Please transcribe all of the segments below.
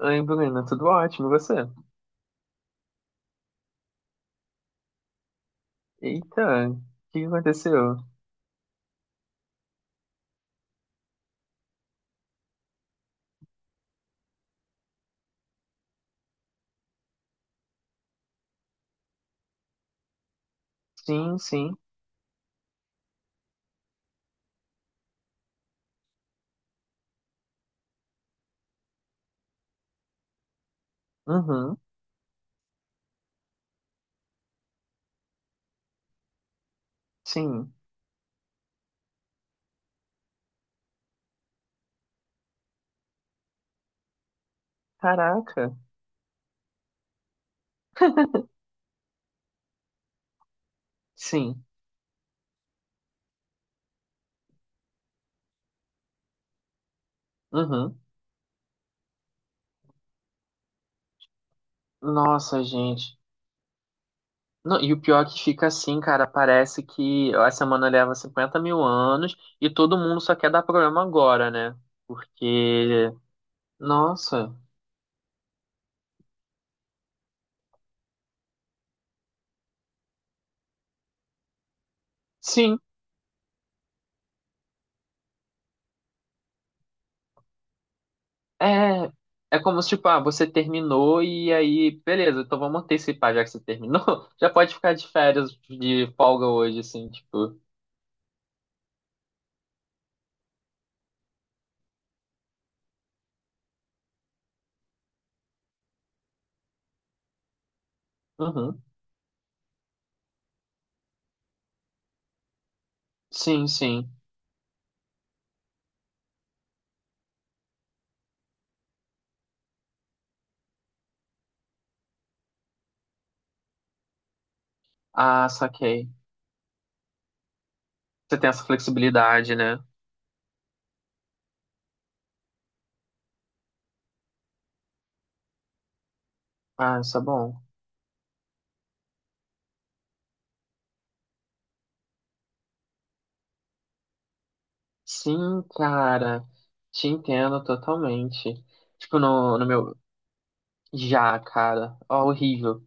Oi, Bruna, tudo ótimo, e você? Eita, o que que aconteceu? Sim, sim, uhum, sim. Caraca, sim, uhum. Nossa, gente. Não, e o pior é que fica assim, cara, parece que a semana leva 50 mil anos e todo mundo só quer dar problema agora, né? Porque, nossa, sim, É, é como se, tipo, ah, você terminou e aí, beleza, então vamos antecipar, já que você terminou, já pode ficar de férias, de folga hoje, assim, tipo. Uhum. Sim, sim. Ah, saquei. Você tem essa flexibilidade, né? Ah, isso é bom. Sim, cara, te entendo totalmente. Tipo, no meu, já, cara, ó, horrível.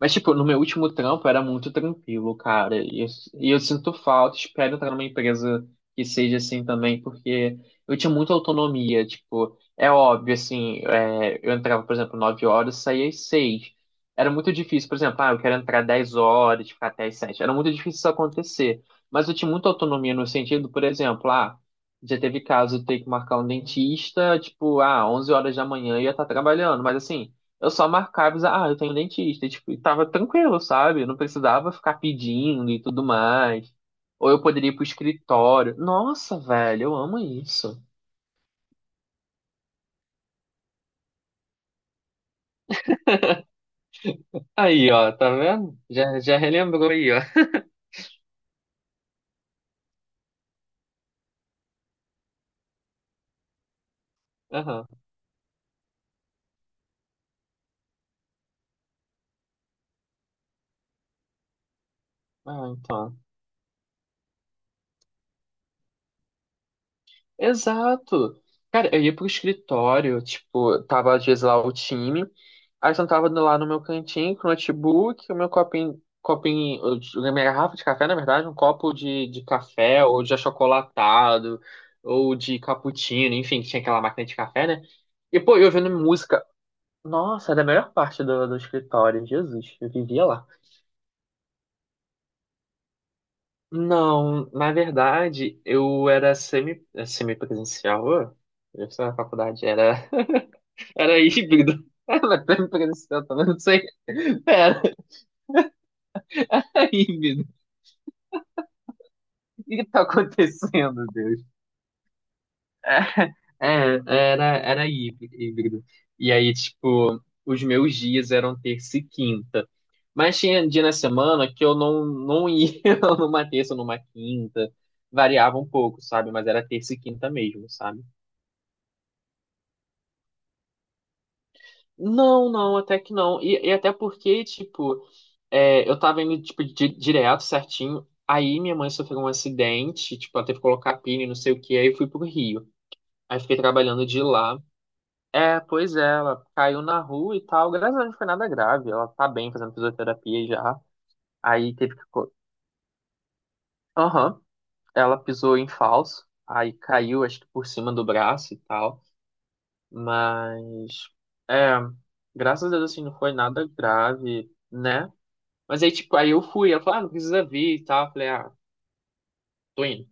Mas, tipo, no meu último trampo era muito tranquilo, cara. E eu sinto falta, espero entrar numa empresa que seja assim também, porque eu tinha muita autonomia. Tipo, é óbvio, assim, é, eu entrava, por exemplo, 9 horas, saía às 6. Era muito difícil, por exemplo, ah, eu quero entrar 10 horas, ficar até às 7. Era muito difícil isso acontecer. Mas eu tinha muita autonomia no sentido, por exemplo, ah, já teve caso de eu ter que marcar um dentista, tipo, ah, 11 horas da manhã eu ia estar trabalhando, mas assim. Eu só marcava, e dizia, ah, eu tenho dentista, e, tipo, e tava tranquilo, sabe? Eu não precisava ficar pedindo e tudo mais. Ou eu poderia ir pro escritório. Nossa, velho, eu amo isso. Aí, ó, tá vendo? Já, já relembrou aí, ó. Aham. Ah, então. Exato. Cara, eu ia pro escritório, tipo, tava às vezes lá o time, aí eu sentava lá no meu cantinho com o notebook, o meu copinho, copinho, a minha garrafa de café, na verdade, um copo de café, ou de achocolatado, ou de cappuccino, enfim, tinha aquela máquina de café, né? E, pô, eu ouvindo música. Nossa, era a melhor parte do escritório, Jesus, eu vivia lá. Não, na verdade, eu era semi-presencial, ô, eu estava na faculdade, era. Era híbrido. É, mas tá me parecendo, também não sei. Pera, é híbrido. O que que tá acontecendo, Deus? É, é, era híbrido. E aí, tipo, os meus dias eram terça e quinta. Mas tinha dia na semana que eu não ia numa terça, ou numa quinta. Variava um pouco, sabe? Mas era terça e quinta mesmo, sabe? Não, não, até que não. E até porque, tipo, é, eu tava indo, tipo, direto, certinho. Aí minha mãe sofreu um acidente, tipo, ela teve que colocar pino e não sei o que, aí eu fui pro Rio. Aí fiquei trabalhando de lá. É, pois é, ela caiu na rua e tal. Graças a Deus não foi nada grave. Ela tá bem fazendo fisioterapia já. Aí teve que. Aham. Ela pisou em falso. Aí caiu, acho que por cima do braço e tal. Mas. É. Graças a Deus, assim, não foi nada grave, né? Mas aí, tipo, aí eu fui. Ela falou, ah, não precisa vir e tal. Eu falei, ah, tô indo.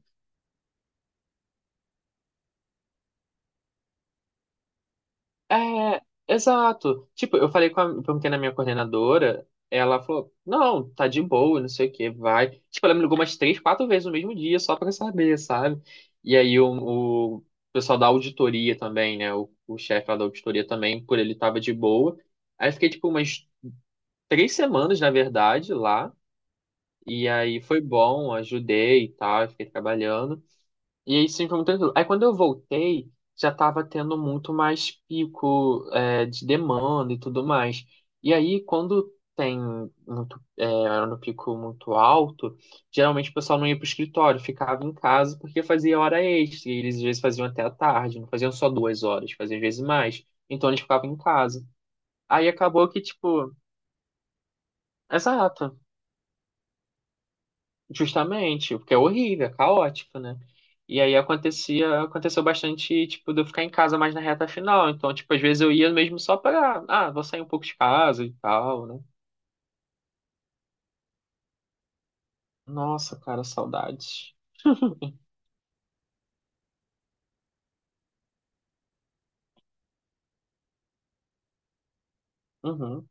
É, exato. Tipo, eu falei perguntei na minha coordenadora, ela falou, não, tá de boa, não sei o que, vai. Tipo, ela me ligou umas três, quatro vezes no mesmo dia, só pra saber, sabe? E aí o pessoal da auditoria também, né? O chefe lá da auditoria também, por ele tava de boa. Aí eu fiquei, tipo, umas 3 semanas, na verdade, lá. E aí foi bom, ajudei e tal, eu fiquei trabalhando. E aí sim foi muito tranquilo. Aí quando eu voltei, já estava tendo muito mais pico de demanda e tudo mais. E aí quando tem muito, era no pico muito alto, geralmente o pessoal não ia para o escritório, ficava em casa porque fazia hora extra. E eles às vezes faziam até a tarde, não faziam só 2 horas, faziam às vezes mais. Então eles ficavam em casa. Aí acabou que, tipo, exato, justamente, porque é horrível, é caótico, né? E aí acontecia, aconteceu bastante, tipo, de eu ficar em casa mais na reta final. Então, tipo, às vezes eu ia mesmo só pra, ah, vou sair um pouco de casa e tal, né? Nossa, cara, saudades. Uhum.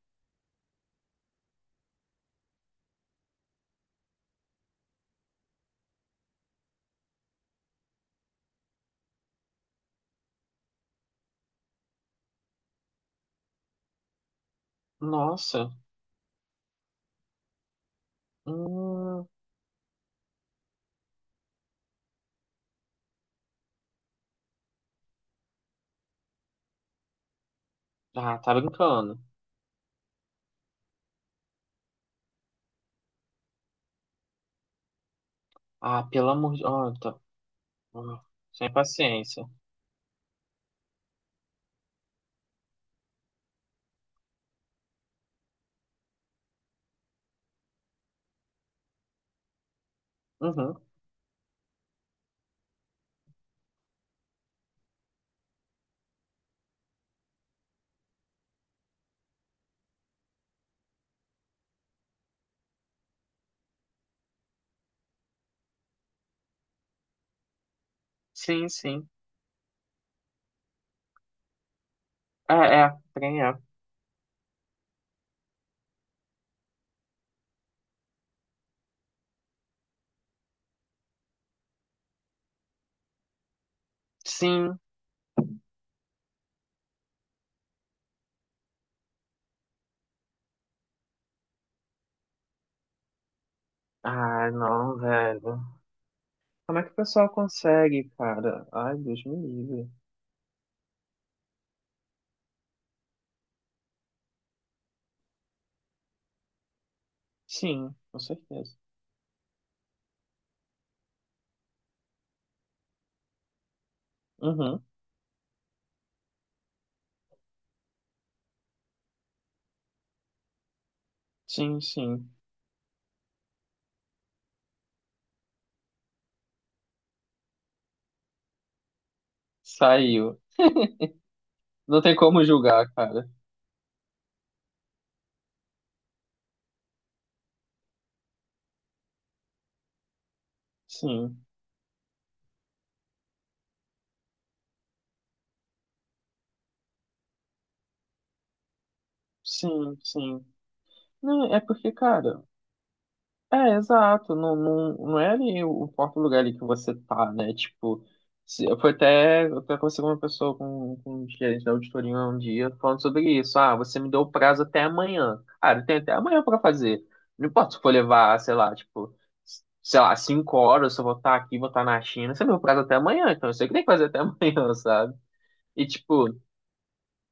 Nossa. Hum. Ah, tá brincando. Ah, pelo amor de... Oh, tá. Hum. Sem paciência. Uhum. Sim, sim. É, é, trem é. Sim. Ah, não, velho. Como é que o pessoal consegue, cara? Ai, Deus me livre. Sim, com certeza. Uhum. Sim, sim. Saiu. Não tem como julgar, cara. Sim, sim, sim. Não, é porque, cara, é, exato. Não, não, não é ali o próprio lugar ali que você tá, né? Tipo, se, eu fui até, eu até conversei com uma pessoa, com um gerente da auditoria um dia, falando sobre isso. Ah, você me deu o prazo até amanhã. Cara, eu tenho até amanhã pra fazer. Não importa se for levar, sei lá, tipo, sei lá, 5 horas, se eu vou estar aqui, vou estar na China. Você me deu o prazo até amanhã, então eu sei que tem que fazer até amanhã, sabe? E, tipo,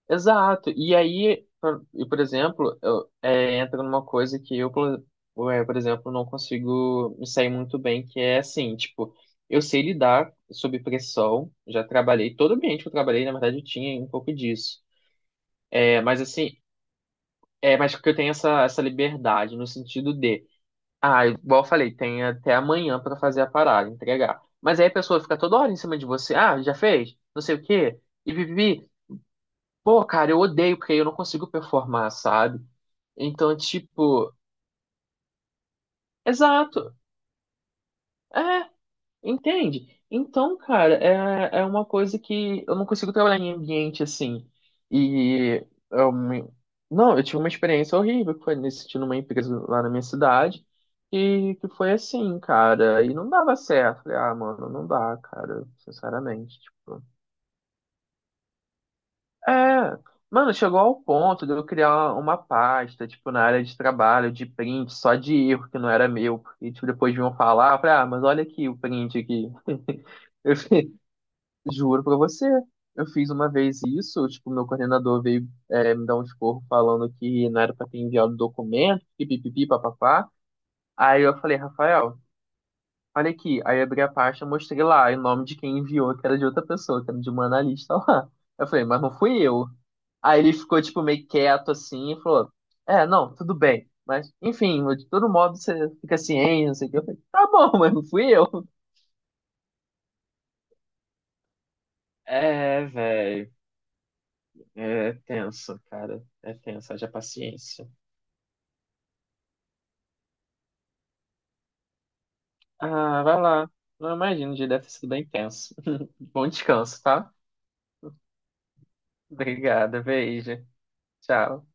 exato. E aí, e, por exemplo, eu, entra numa coisa que eu, por exemplo, não consigo me sair muito bem, que é assim, tipo, eu sei lidar sob pressão, já trabalhei, todo ambiente que eu trabalhei, na verdade, eu tinha um pouco disso. É, mas assim, mas porque eu tenho essa liberdade no sentido de, ah, igual eu falei, tem até amanhã pra fazer a parada, entregar. Mas aí a pessoa fica toda hora em cima de você, ah, já fez? Não sei o quê. E vivi. Pô, cara, eu odeio porque eu não consigo performar, sabe? Então, tipo, exato. É, entende? Então, cara, é uma coisa que eu não consigo trabalhar em ambiente assim. E eu me- não, eu tive uma experiência horrível que foi nesse sentido numa empresa lá na minha cidade. E que foi assim, cara, e não dava certo. Falei, ah, mano, não dá, cara, sinceramente. Tipo, é, mano, chegou ao ponto de eu criar uma pasta, tipo, na área de trabalho, de print, só de erro que não era meu, porque, tipo, depois vinham falar, eu falei, ah, mas olha aqui o print aqui. Eu fiz- Juro pra você, eu fiz uma vez isso, tipo, meu coordenador veio me dar um esporro falando que não era pra ter enviado o documento, que pipipi, papapá. Aí eu falei, Rafael, olha aqui. Aí eu abri a pasta, mostrei lá, e o nome de quem enviou, que era de outra pessoa, que era de uma analista lá. Eu falei, mas não fui eu. Aí ele ficou, tipo, meio quieto assim e falou: é, não, tudo bem. Mas, enfim, de todo modo você fica ciente, não sei o que. Eu falei, tá bom, mas não fui eu. É, velho. É tenso, cara. É tenso, haja paciência. Ah, vai lá. Não imagino, o dia deve ter sido bem tenso. Bom descanso, tá? Obrigada, beijo. Tchau.